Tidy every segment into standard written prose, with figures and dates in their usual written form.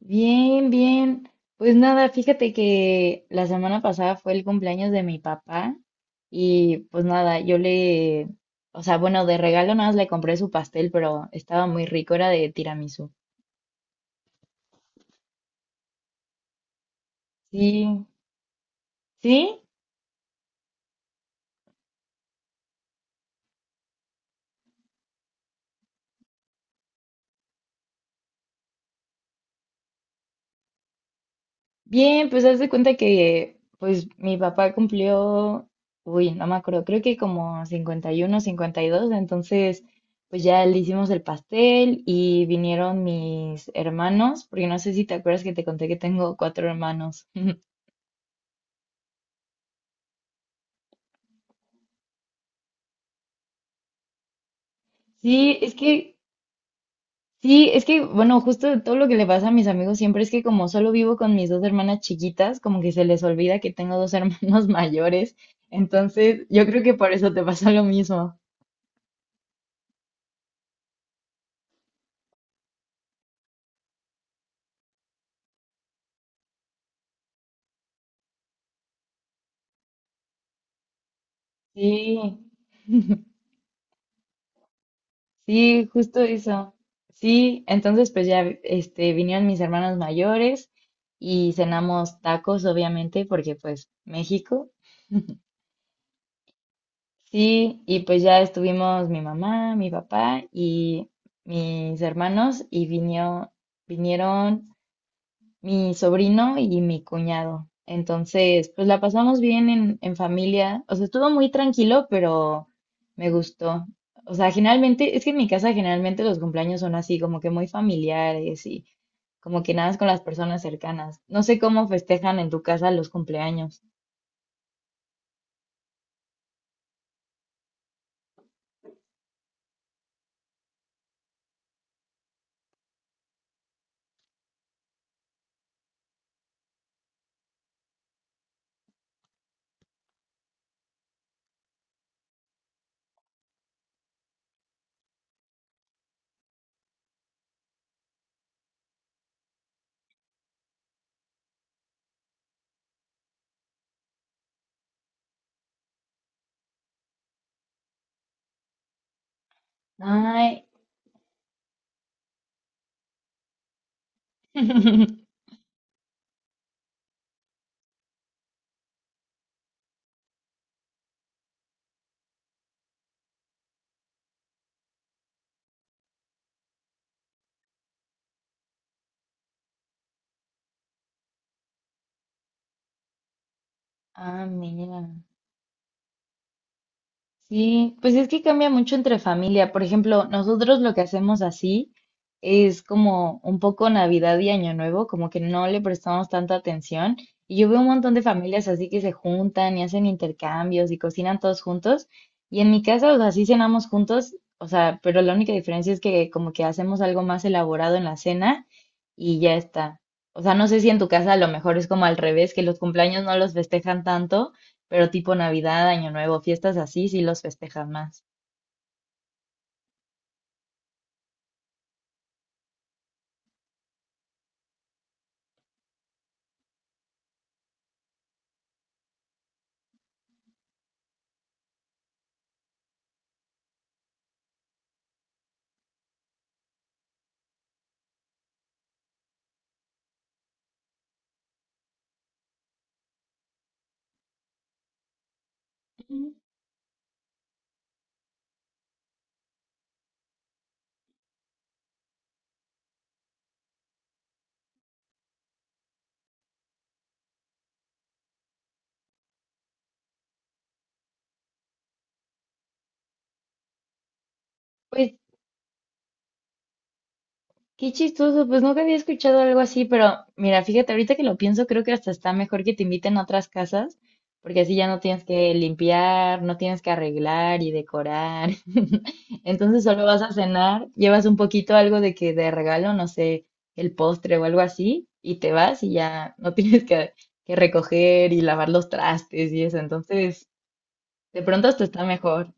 Bien, bien. Pues nada, fíjate que la semana pasada fue el cumpleaños de mi papá y pues nada, yo le, o sea, bueno, de regalo nada más le compré su pastel, pero estaba muy rico, era de tiramisú. Sí, sí. Bien, pues haz de cuenta que pues mi papá cumplió, no me acuerdo, creo que como 50 51 52. Entonces pues ya le hicimos el pastel y vinieron mis hermanos, porque no sé si te acuerdas que te conté que tengo cuatro hermanos. Sí, es que, sí, es que, bueno, justo todo lo que le pasa a mis amigos siempre es que como solo vivo con mis dos hermanas chiquitas, como que se les olvida que tengo dos hermanos mayores, entonces yo creo que por eso te pasa lo mismo. Sí. Sí, justo eso. Sí, entonces pues ya este vinieron mis hermanos mayores y cenamos tacos, obviamente, porque pues México. Sí, y pues ya estuvimos mi mamá, mi papá y mis hermanos y vinieron mi sobrino y mi cuñado. Entonces, pues la pasamos bien en familia. O sea, estuvo muy tranquilo, pero me gustó. O sea, generalmente, es que en mi casa generalmente los cumpleaños son así, como que muy familiares y como que nada más con las personas cercanas. No sé cómo festejan en tu casa los cumpleaños. Ay. Ah, mira. Sí, pues es que cambia mucho entre familia. Por ejemplo, nosotros lo que hacemos así es como un poco Navidad y Año Nuevo, como que no le prestamos tanta atención. Y yo veo un montón de familias así que se juntan y hacen intercambios y cocinan todos juntos. Y en mi casa, o sea, sí cenamos juntos, o sea, pero la única diferencia es que como que hacemos algo más elaborado en la cena y ya está. O sea, no sé si en tu casa a lo mejor es como al revés, que los cumpleaños no los festejan tanto pero tipo Navidad, Año Nuevo, fiestas así, sí los festejan más. Ujú. Pues qué chistoso, pues nunca había escuchado algo así, pero mira, fíjate, ahorita que lo pienso, creo que hasta está mejor que te inviten a otras casas, porque así ya no tienes que limpiar, no tienes que arreglar y decorar. Entonces solo vas a cenar, llevas un poquito algo de que de regalo, no sé, el postre o algo así, y te vas y ya no que recoger y lavar los trastes y eso. Entonces, de pronto hasta está mejor.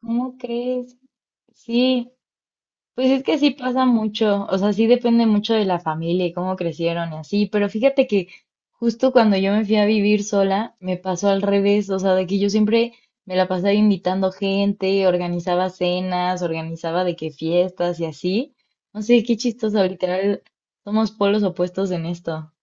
¿Cómo crees? Sí, pues es que sí pasa mucho, o sea, sí depende mucho de la familia y cómo crecieron y así, pero fíjate que justo cuando yo me fui a vivir sola, me pasó al revés, o sea, de que yo siempre me la pasaba invitando gente, organizaba cenas, organizaba de qué fiestas y así. No sé, qué chistoso, literal, somos polos opuestos en esto.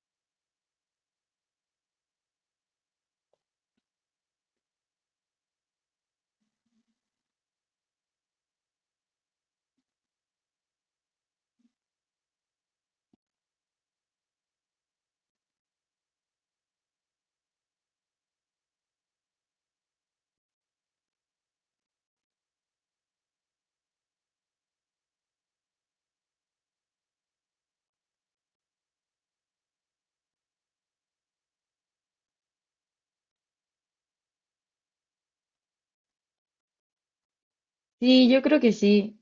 Sí, yo creo que sí.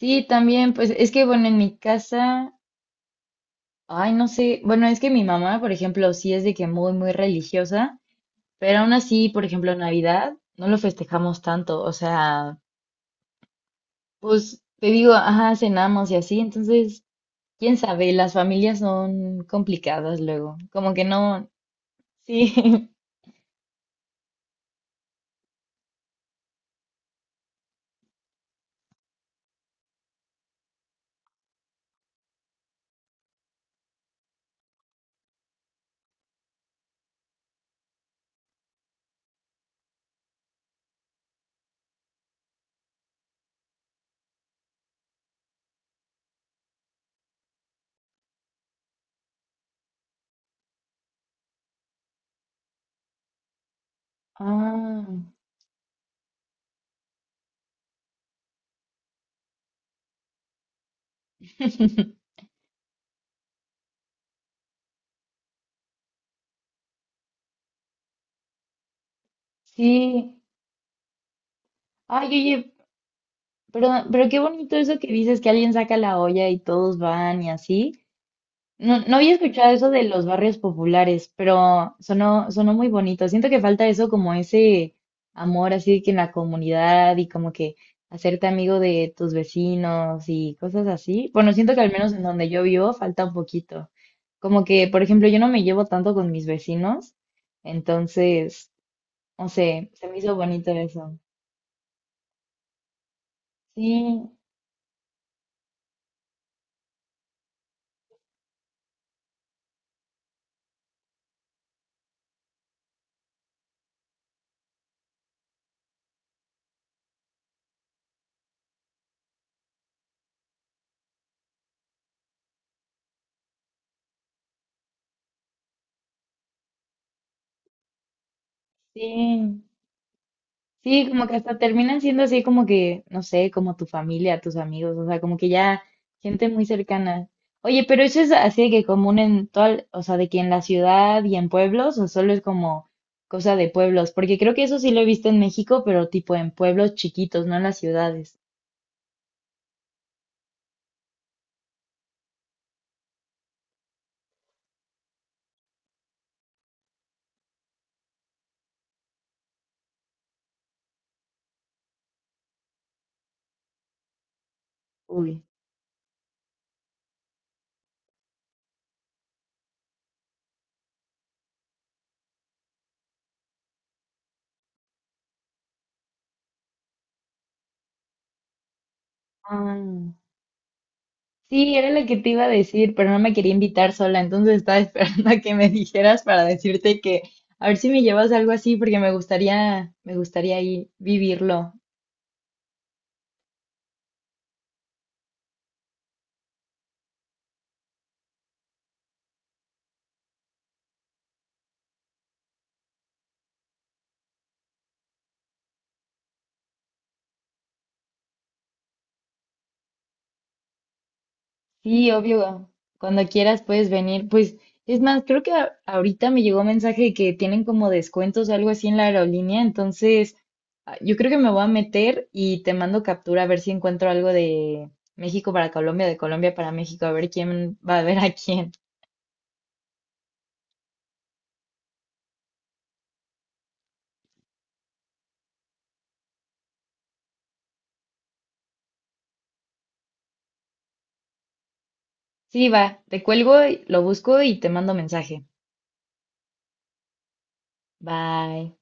Sí, también, pues es que bueno, en mi casa... Ay, no sé. Bueno, es que mi mamá, por ejemplo, sí es de que muy religiosa, pero aún así, por ejemplo, Navidad no lo festejamos tanto. O sea, pues te digo, ajá, cenamos y así. Entonces, quién sabe, las familias son complicadas luego. Como que no. Sí. Ah. Sí. Ay, oye, pero qué bonito eso que dices que alguien saca la olla y todos van y así. No, no había escuchado eso de los barrios populares, pero sonó muy bonito. Siento que falta eso como ese amor así de que en la comunidad y como que hacerte amigo de tus vecinos y cosas así. Bueno, siento que al menos en donde yo vivo falta un poquito. Como que, por ejemplo, yo no me llevo tanto con mis vecinos, entonces, no sé, se me hizo bonito eso. Sí, sí. Sí, como que hasta terminan siendo así como que, no sé, como tu familia, tus amigos, o sea, como que ya gente muy cercana. Oye, pero eso es así de que común en todo, o sea, de que en la ciudad y en pueblos, o solo es como cosa de pueblos, porque creo que eso sí lo he visto en México, pero tipo en pueblos chiquitos, no en las ciudades. Uy. Ah, sí, era lo que te iba a decir, pero no me quería invitar sola, entonces estaba esperando a que me dijeras para decirte que a ver si me llevas algo así, porque me gustaría ahí vivirlo. Sí, obvio, cuando quieras puedes venir. Pues es más, creo que ahorita me llegó un mensaje de que tienen como descuentos o algo así en la aerolínea, entonces ah, yo creo que me voy a meter y te mando captura a ver si encuentro algo de México para Colombia, de Colombia para México, a ver quién va a ver a quién. Sí, va, te cuelgo, lo busco y te mando mensaje. Bye.